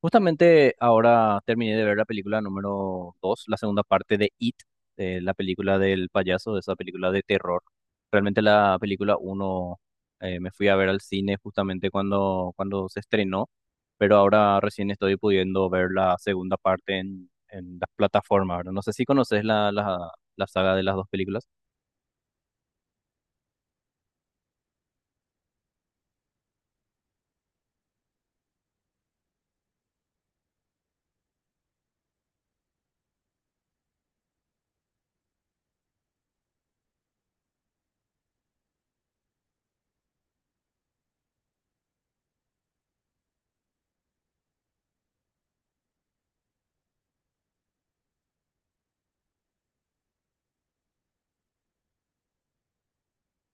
Justamente ahora terminé de ver la película número dos, la segunda parte de It, la película del payaso, esa película de terror. Realmente la película uno me fui a ver al cine justamente cuando se estrenó, pero ahora recién estoy pudiendo ver la segunda parte en las plataformas, ¿verdad? No sé si conoces la saga de las dos películas.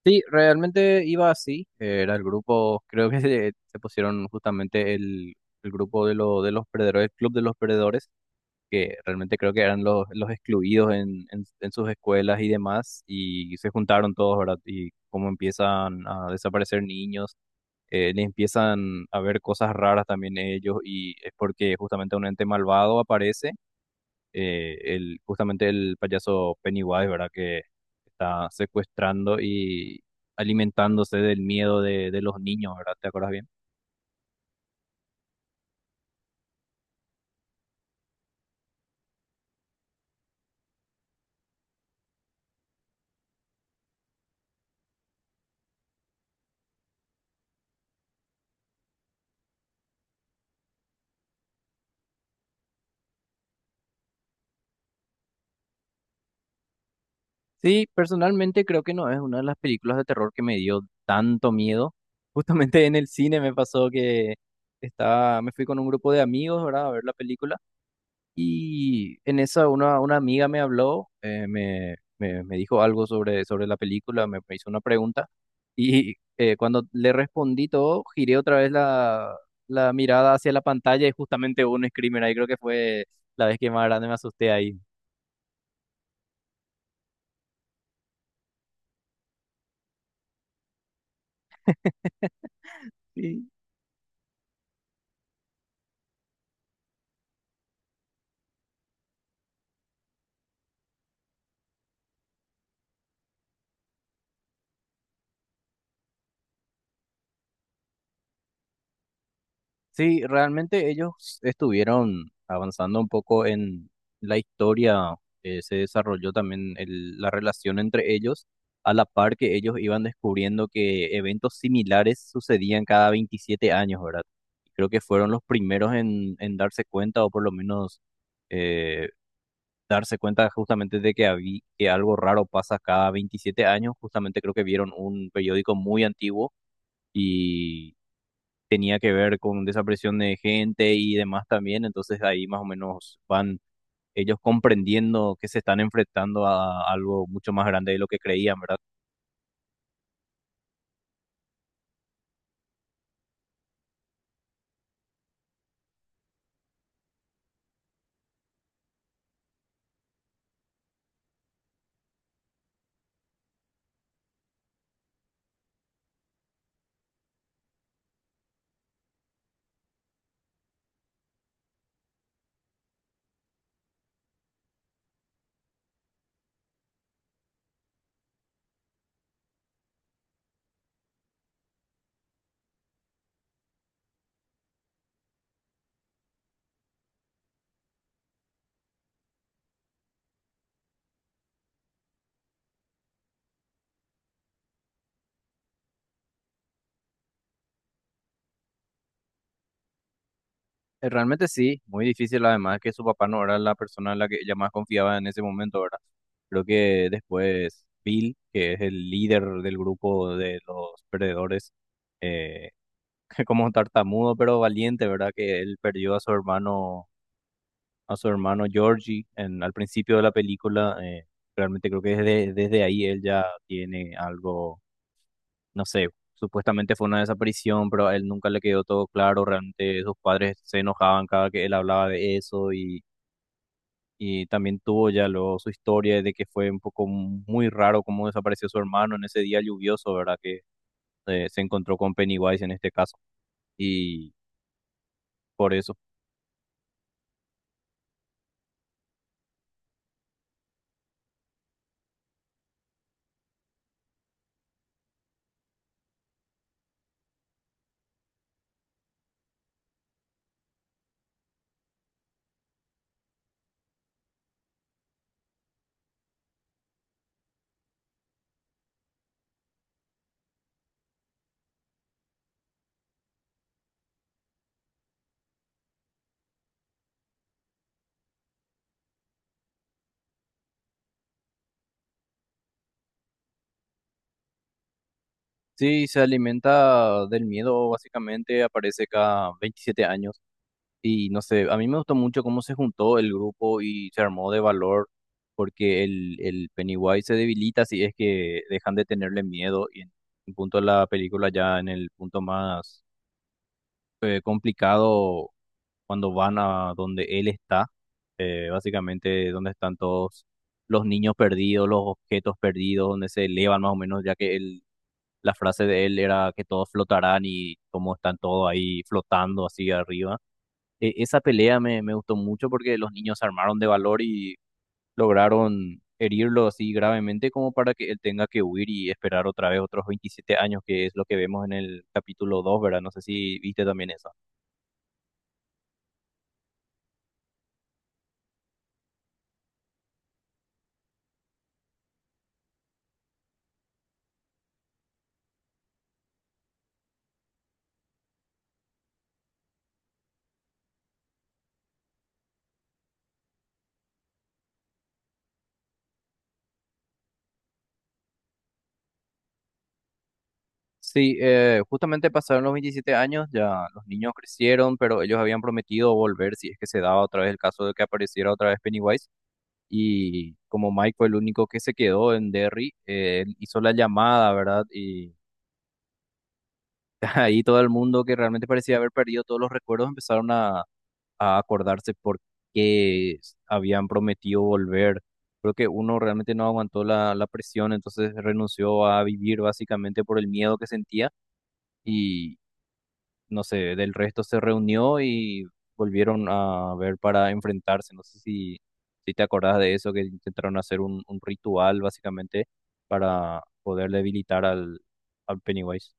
Sí, realmente iba así, era el grupo, creo que se pusieron justamente el grupo de los perdedores, el club de los perdedores que realmente creo que eran los excluidos en sus escuelas y demás, y se juntaron todos, ¿verdad? Y cómo empiezan a desaparecer niños, les empiezan a ver cosas raras también ellos, y es porque justamente un ente malvado aparece, justamente el payaso Pennywise, ¿verdad? Que está secuestrando y alimentándose del miedo de los niños, ¿verdad? ¿Te acuerdas bien? Sí, personalmente creo que no es una de las películas de terror que me dio tanto miedo. Justamente en el cine me pasó que estaba, me fui con un grupo de amigos, ¿verdad? A ver la película. Y en esa una amiga me habló, me dijo algo sobre la película, me hizo una pregunta. Y cuando le respondí todo, giré otra vez la mirada hacia la pantalla y justamente hubo un screamer ahí. Creo que fue la vez que más grande me asusté ahí. Sí, realmente ellos estuvieron avanzando un poco en la historia, se desarrolló también la relación entre ellos, a la par que ellos iban descubriendo que eventos similares sucedían cada 27 años, ¿verdad? Creo que fueron los primeros en darse cuenta, o por lo menos eh, darse cuenta justamente que algo raro pasa cada 27 años. Justamente creo que vieron un periódico muy antiguo, tenía que ver con desaparición de gente y demás también, entonces ahí más o menos van ellos comprendiendo que se están enfrentando a algo mucho más grande de lo que creían, ¿verdad? Realmente sí, muy difícil, además que su papá no era la persona en la que ella más confiaba en ese momento, ¿verdad? Creo que después Bill, que es el líder del grupo de los perdedores, eh, como tartamudo pero valiente, ¿verdad? Que él perdió a su hermano Georgie en, al principio de la película. Realmente creo que desde ahí él ya tiene algo, no sé, supuestamente fue una desaparición, pero a él nunca le quedó todo claro. Realmente sus padres se enojaban cada que él hablaba de eso, y también tuvo ya luego su historia de que fue un poco muy raro cómo desapareció su hermano en ese día lluvioso, ¿verdad? Que se encontró con Pennywise en este caso. Y por eso. Sí, se alimenta del miedo, básicamente aparece cada 27 años. Y no sé, a mí me gustó mucho cómo se juntó el grupo y se armó de valor, porque el Pennywise se debilita si es que dejan de tenerle miedo. Y en un punto de la película, ya en el punto más complicado, cuando van a donde él está, básicamente donde están todos los niños perdidos, los objetos perdidos, donde se elevan más o menos, ya que él, la frase de él era que todos flotarán, y cómo están todos ahí flotando así arriba, esa pelea me gustó mucho porque los niños se armaron de valor y lograron herirlo así gravemente como para que él tenga que huir y esperar otra vez otros 27 años, que es lo que vemos en el capítulo dos, ¿verdad? No sé si viste también eso. Sí, justamente pasaron los 27 años, ya los niños crecieron, pero ellos habían prometido volver si es que se daba otra vez el caso de que apareciera otra vez Pennywise. Y como Mike fue el único que se quedó en Derry, él hizo la llamada, ¿verdad? Y ahí todo el mundo que realmente parecía haber perdido todos los recuerdos empezaron a acordarse por qué habían prometido volver. Creo que uno realmente no aguantó la presión, entonces renunció a vivir básicamente por el miedo que sentía, y no sé, del resto se reunió y volvieron a ver para enfrentarse. No sé si te acordás de eso, que intentaron hacer un ritual básicamente para poder debilitar al Pennywise.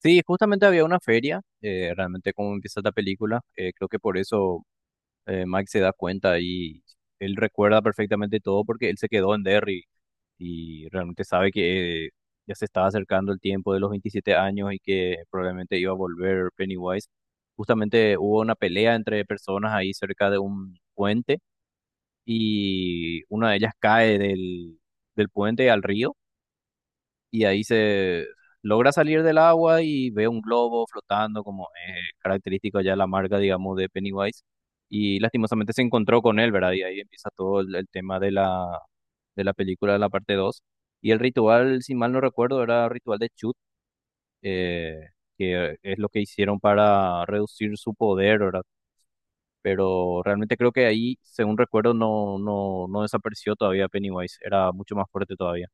Sí, justamente había una feria, realmente como empieza la película, creo que por eso Mike se da cuenta, y él recuerda perfectamente todo porque él se quedó en Derry y realmente sabe que ya se estaba acercando el tiempo de los 27 años y que probablemente iba a volver Pennywise. Justamente hubo una pelea entre personas ahí cerca de un puente, y una de ellas cae del puente al río, y ahí se logra salir del agua y ve un globo flotando, como es característico ya la marca, digamos, de Pennywise. Y lastimosamente se encontró con él, ¿verdad? Y ahí empieza todo el tema de la película, de la parte dos. Y el ritual, si mal no recuerdo, era ritual de Chut, eh, que es lo que hicieron para reducir su poder, ¿verdad? Pero realmente creo que ahí, según recuerdo, no desapareció todavía Pennywise, era mucho más fuerte todavía.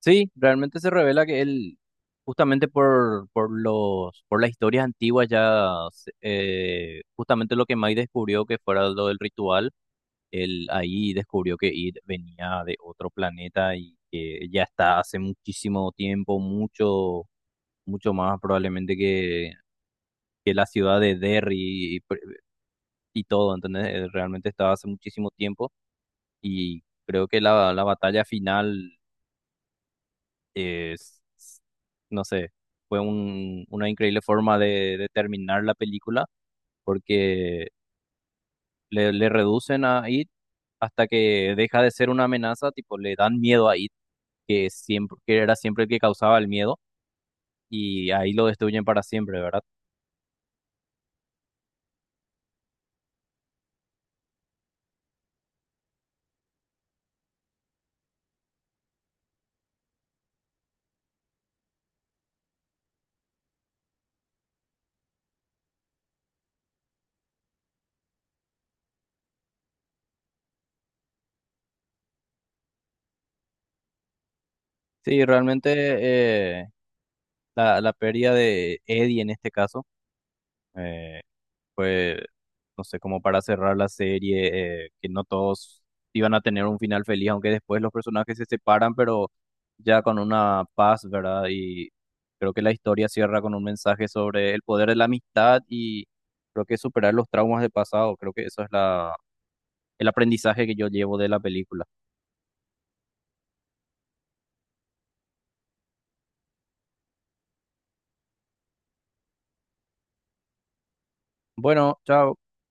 Sí, realmente se revela que él, justamente por las historias antiguas ya, justamente lo que Mike descubrió que fuera lo del ritual, él ahí descubrió que Id venía de otro planeta y que ya está hace muchísimo tiempo, mucho, mucho más probablemente que la ciudad de Derry y todo, ¿entendés? Realmente estaba hace muchísimo tiempo. Y creo que la batalla final es, no sé, fue una increíble forma de terminar la película, porque le reducen a It hasta que deja de ser una amenaza, tipo le dan miedo a It, que siempre, que era siempre el que causaba el miedo, y ahí lo destruyen para siempre, ¿verdad? Sí, realmente eh, la pérdida de Eddie en este caso. eh, pues, no sé, como para cerrar la serie, que no todos iban a tener un final feliz, aunque después los personajes se separan, pero ya con una paz, ¿verdad? Y creo que la historia cierra con un mensaje sobre el poder de la amistad y creo que superar los traumas del pasado, creo que eso es el aprendizaje que yo llevo de la película. Bueno, chao.